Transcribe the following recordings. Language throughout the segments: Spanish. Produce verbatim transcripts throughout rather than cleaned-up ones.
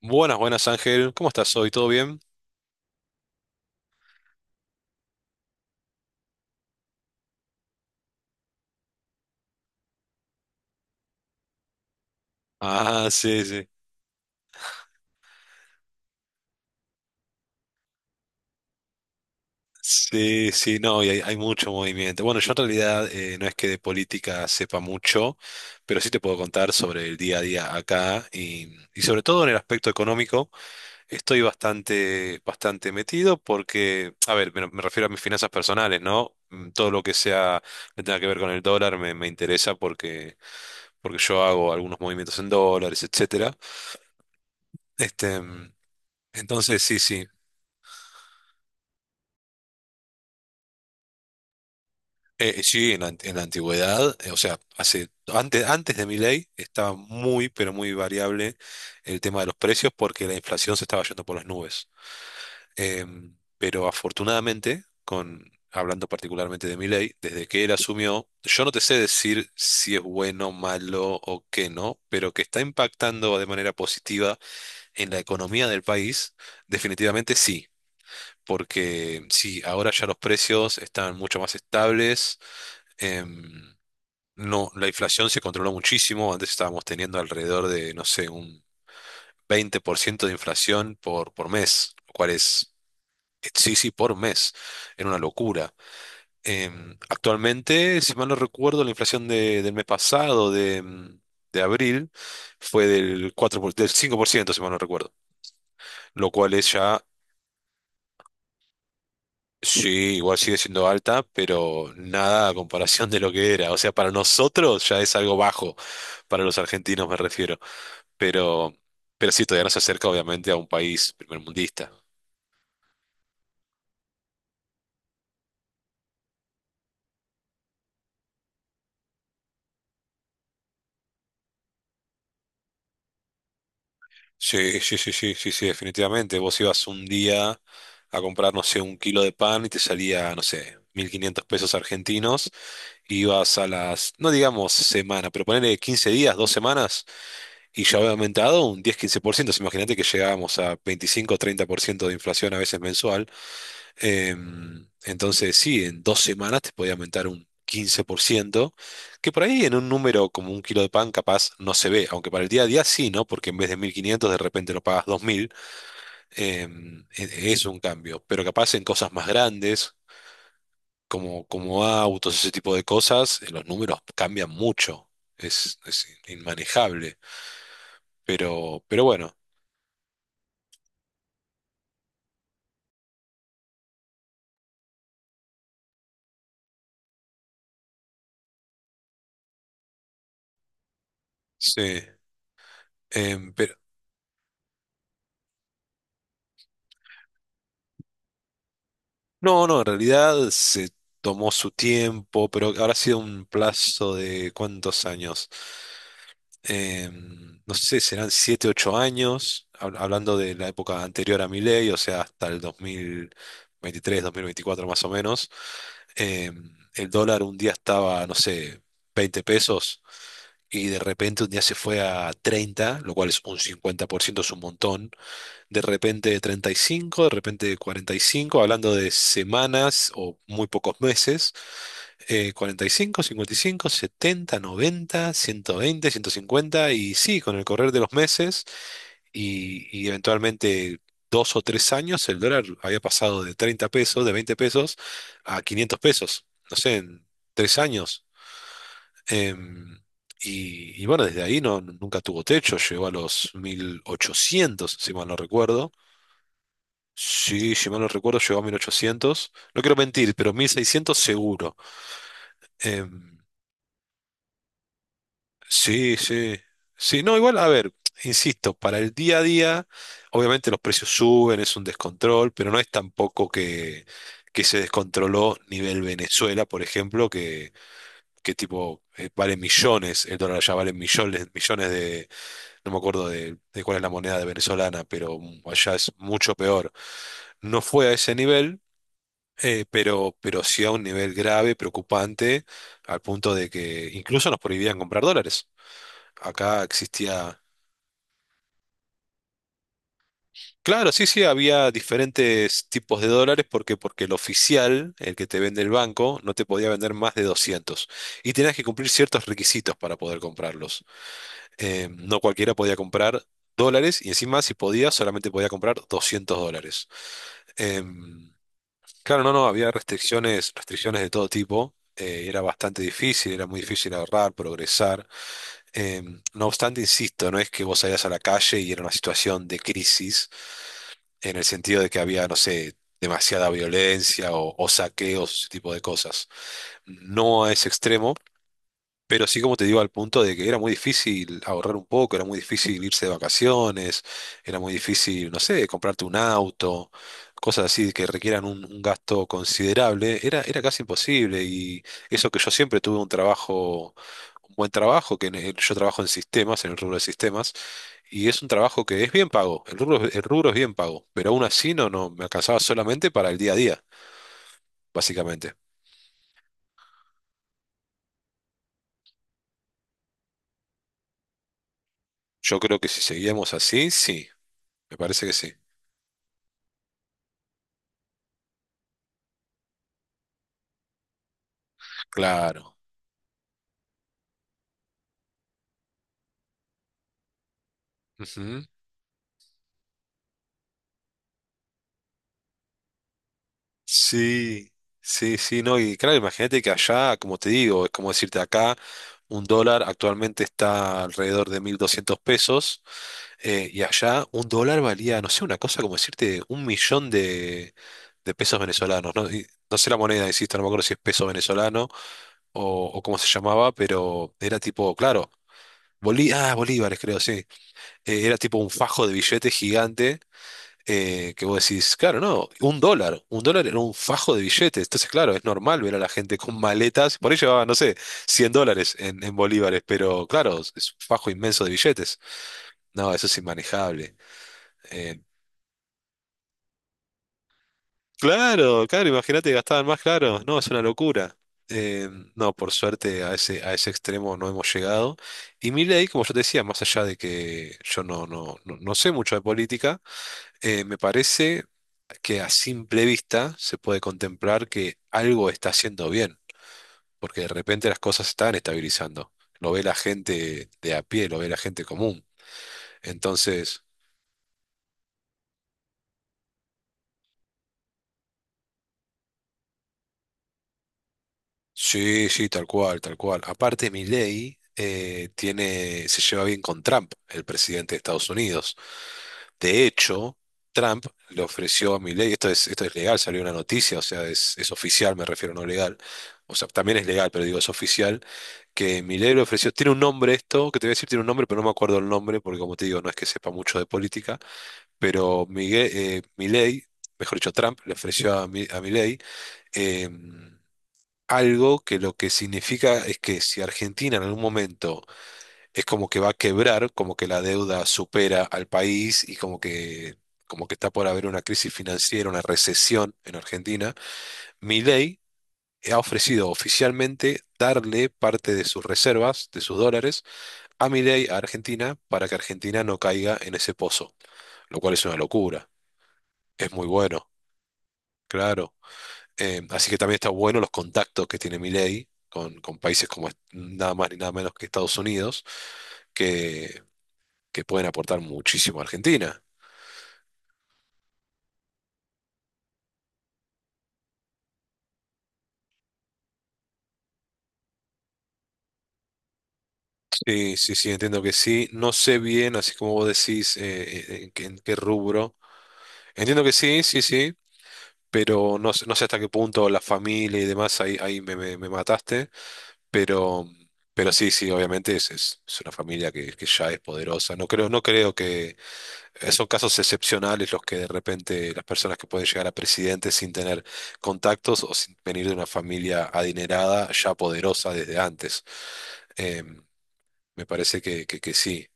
Buenas, buenas Ángel, ¿cómo estás hoy? ¿Todo bien? Ah, sí, sí. Sí, sí, no, y hay, hay mucho movimiento. Bueno, yo en realidad eh, no es que de política sepa mucho, pero sí te puedo contar sobre el día a día acá y, y sobre todo en el aspecto económico estoy bastante, bastante metido porque, a ver, me, me refiero a mis finanzas personales, ¿no? Mm, Todo lo que sea, que tenga que ver con el dólar me, me interesa porque, porque yo hago algunos movimientos en dólares, etcétera. Este, mm, entonces, sí, sí. Eh, sí, en la, ant- en la antigüedad, eh, o sea, hace, antes, antes de mi ley estaba muy, pero muy variable el tema de los precios porque la inflación se estaba yendo por las nubes. Em, pero afortunadamente, con, hablando particularmente de Milei, desde que él asumió, yo no te sé decir si es bueno, malo o qué no, pero que está impactando de manera positiva en la economía del país, definitivamente sí. Porque sí, ahora ya los precios están mucho más estables. em, no, la inflación se controló muchísimo. Antes estábamos teniendo alrededor de, no sé, un veinte por ciento de inflación por, por mes, lo cual es... Sí, sí, por mes. Era una locura. Em, actualmente, si mal no recuerdo, la inflación de- del mes pasado, de, em, de abril, fue del 4 por- del cinco por ciento, si mal no recuerdo. Lo cual es ya... Sí, igual sigue siendo alta, pero nada a comparación de lo que era. O sea, para nosotros ya es algo bajo. Para los argentinos me refiero. pero, pero sí, todavía no se acerca obviamente a un país primermundista. Sí, sí, sí, sí, sí, sí, definitivamente. Vos ibas un día a comprar, no sé, un kilo de pan y te salía, no sé, mil quinientos pesos argentinos. Ibas a las, no digamos semana, pero ponele quince días, dos semanas, y ya había aumentado un diez-quince por ciento. Entonces, imagínate que llegábamos a veinticinco-treinta por ciento de inflación a veces mensual. Em, entonces, sí, en dos semanas te podía aumentar un quince por ciento, que por ahí en un número como un kilo de pan capaz no se ve, aunque para el día a día sí, ¿no? Porque en vez de mil quinientos de repente lo pagas dos mil, em, e- es un cambio. Pero capaz en cosas más grandes, como, como autos, ese tipo de cosas, eh, los números cambian mucho. Es, es inmanejable. Pero, pero bueno, sí. Em, pero, no, no, en realidad se tomó su tiempo, pero habrá sido un plazo de ¿cuántos años? Em, no sé, serán siete ocho años, hab- hablando de la época anterior a mi ley, o sea, hasta el dos dos mil veintitrés dos mil veinticuatro más o menos. Em, el dólar un día estaba, no sé, veinte pesos y de repente un día se fue a treinta, lo cual es un cincuenta por ciento, es un montón. De repente treinta y cinco, de repente cuarenta y cinco, hablando de semanas o muy pocos meses. Eh, cuarenta y cinco, cincuenta y cinco, setenta, noventa, ciento veinte, ciento cincuenta, y sí, con el correr de los meses y, y eventualmente... Dos o tres años, el dólar había pasado de treinta pesos, de veinte pesos, a quinientos pesos. No sé, en tres años. Em, y, y bueno, desde ahí no, nunca tuvo techo, llegó a los mil ochocientos, si mal no recuerdo. Sí, si mal no recuerdo, llegó a mil ochocientos. No quiero mentir, pero mil seiscientos seguro. Em, sí, sí. Sí, no, igual, a ver, insisto, para el día a día, obviamente los precios suben, es un descontrol, pero no es tampoco que, que, se descontroló nivel Venezuela, por ejemplo, que, que tipo eh, vale millones, el dólar ya vale millones, millones de... No me acuerdo de, de cuál es la moneda de venezolana, pero mm, allá es mucho peor. No fue a ese nivel, eh, pero, pero sí a un nivel grave, preocupante, al punto de que incluso nos prohibían comprar dólares. Acá existía... Claro, sí, sí, había diferentes tipos de dólares porque, porque el oficial, el que te vende el banco, no te podía vender más de doscientos, y tenías que cumplir ciertos requisitos para poder comprarlos. Eh, no cualquiera podía comprar dólares, y encima si podía, solamente podía comprar doscientos dólares. Em, claro, no, no, había restricciones, restricciones de todo tipo. Eh, era bastante difícil, era muy difícil ahorrar, progresar. Em, no obstante, insisto, no es que vos salías a la calle y era una situación de crisis en el sentido de que había, no sé, demasiada violencia o, o saqueos, ese tipo de cosas. No a ese extremo, pero sí, como te digo, al punto de que era muy difícil ahorrar un poco, era muy difícil irse de vacaciones, era muy difícil, no sé, comprarte un auto, cosas así que requieran un, un gasto considerable, era, era casi imposible. Y eso que yo siempre tuve un trabajo, un buen trabajo, que en el- yo trabajo en sistemas, en el rubro de sistemas, y es un trabajo que es bien pago, el rubro, el rubro es bien pago, pero aún así no, no me alcanzaba solamente para el día a día, básicamente. Yo creo que si seguíamos así, sí, me parece que sí. Claro. Ujú. Sí, sí, sí, no, y claro, imagínate que allá, como te digo, es como decirte acá, un dólar actualmente está alrededor de mil doscientos pesos, eh, y allá un dólar valía, no sé, una cosa como decirte un millón de, de, pesos venezolanos, ¿no? Y no sé la moneda, insisto, no me acuerdo si es peso venezolano o, o cómo se llamaba, pero era tipo, claro... bolí, ah, Bolívares, creo, sí. Eh, era tipo un fajo de billetes gigante, eh, que vos decís, claro, no, un dólar, un dólar era un fajo de billetes, entonces claro, es normal ver a la gente con maletas, por ahí llevaba, no sé, cien dólares en, en bolívares, pero claro, es un fajo inmenso de billetes, no, eso es inmanejable. Eh, claro, claro, imagínate que gastaban más, claro, no, es una locura. Eh, no, por suerte a ese, a ese, extremo no hemos llegado. Y Milei, como yo te decía, más allá de que yo no, no, no, no sé mucho de política, Eh, me parece que a simple vista se puede contemplar que algo está haciendo bien, porque de repente las cosas están estabilizando. Lo ve la gente de a pie, lo ve la gente común. Entonces, sí, sí, tal cual, tal cual. Aparte, Milei eh, tiene, se lleva bien con Trump, el presidente de Estados Unidos. De hecho, Trump le ofreció a Milei, esto es, esto es, legal, salió una noticia, o sea, es, es oficial, me refiero, no legal. O sea, también es legal, pero digo, es oficial, que Milei le ofreció, tiene un nombre esto, que te voy a decir, tiene un nombre, pero no me acuerdo el nombre, porque como te digo, no es que sepa mucho de política, pero Miguel, eh, Milei, mejor dicho, Trump le ofreció a, Mi- a Milei em, algo que, lo que significa es que si Argentina en algún momento es como que va a quebrar, como que la deuda supera al país y como que, como que, está por haber una crisis financiera, una recesión en Argentina, Milei ha ofrecido oficialmente darle parte de sus reservas, de sus dólares, a Milei, a Argentina, para que Argentina no caiga en ese pozo, lo cual es una locura. Es muy bueno, claro. Eh, así que también está bueno los contactos que tiene Milei con, con, países como est- nada más ni nada menos que Estados Unidos, que, que pueden aportar muchísimo a Argentina. Sí, sí, sí, entiendo que sí. No sé bien, así como vos decís, eh, eh, en, qué en qué rubro. Entiendo que sí, sí, sí, pero no, sé no sé hasta qué punto la familia y demás, ahí, ahí, me, me- me mataste. Pero, pero sí, sí, obviamente es, es, es, una familia que, que ya es poderosa. No creo, no creo que eh, son casos excepcionales los que de repente las personas que pueden llegar a presidente sin tener contactos o sin venir de una familia adinerada ya poderosa desde antes. Em, Me parece que, que, que, sí.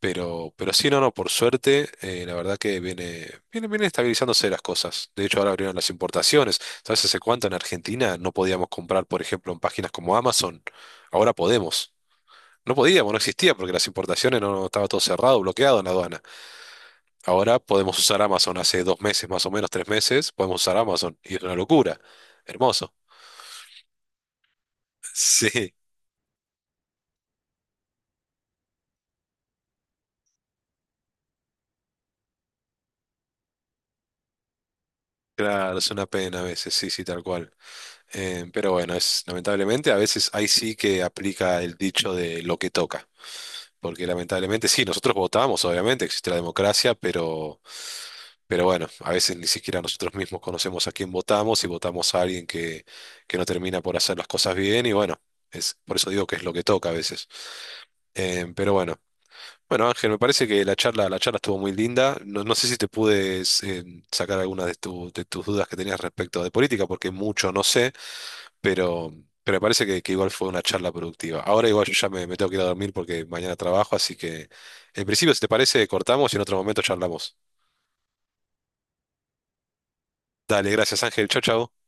Pero, pero sí, no, no, por suerte, eh, la verdad que viene, viene, viene estabilizándose las cosas. De hecho, ahora abrieron las importaciones. ¿Sabes hace cuánto en Argentina no podíamos comprar, por ejemplo, en páginas como Amazon? Ahora podemos. No podíamos, no existía, porque las importaciones no, estaba todo cerrado, bloqueado en la aduana. Ahora podemos usar Amazon. Hace dos meses, más o menos, tres meses, podemos usar Amazon. Y es una locura. Hermoso. Sí, claro, es una pena a veces, sí, sí, tal cual. Eh, pero bueno, es lamentablemente, a veces ahí sí que aplica el dicho de lo que toca, porque lamentablemente sí, nosotros votamos, obviamente existe la democracia, pero, pero, bueno, a veces ni siquiera nosotros mismos conocemos a quién votamos y votamos a alguien que, que no termina por hacer las cosas bien, y bueno, es, por eso digo que es lo que toca a veces. Eh, pero bueno, bueno Ángel, me parece que la charla, la charla estuvo muy linda, no, no sé si te pude eh, sacar algunas de, tu- de tus dudas que tenías respecto de política, porque mucho no sé. Pero, pero me parece que, que, igual fue una charla productiva. Ahora igual yo ya me, me tengo que ir a dormir porque mañana trabajo, así que en principio, si te parece, cortamos y en otro momento charlamos. Dale, gracias Ángel. Chau, chau.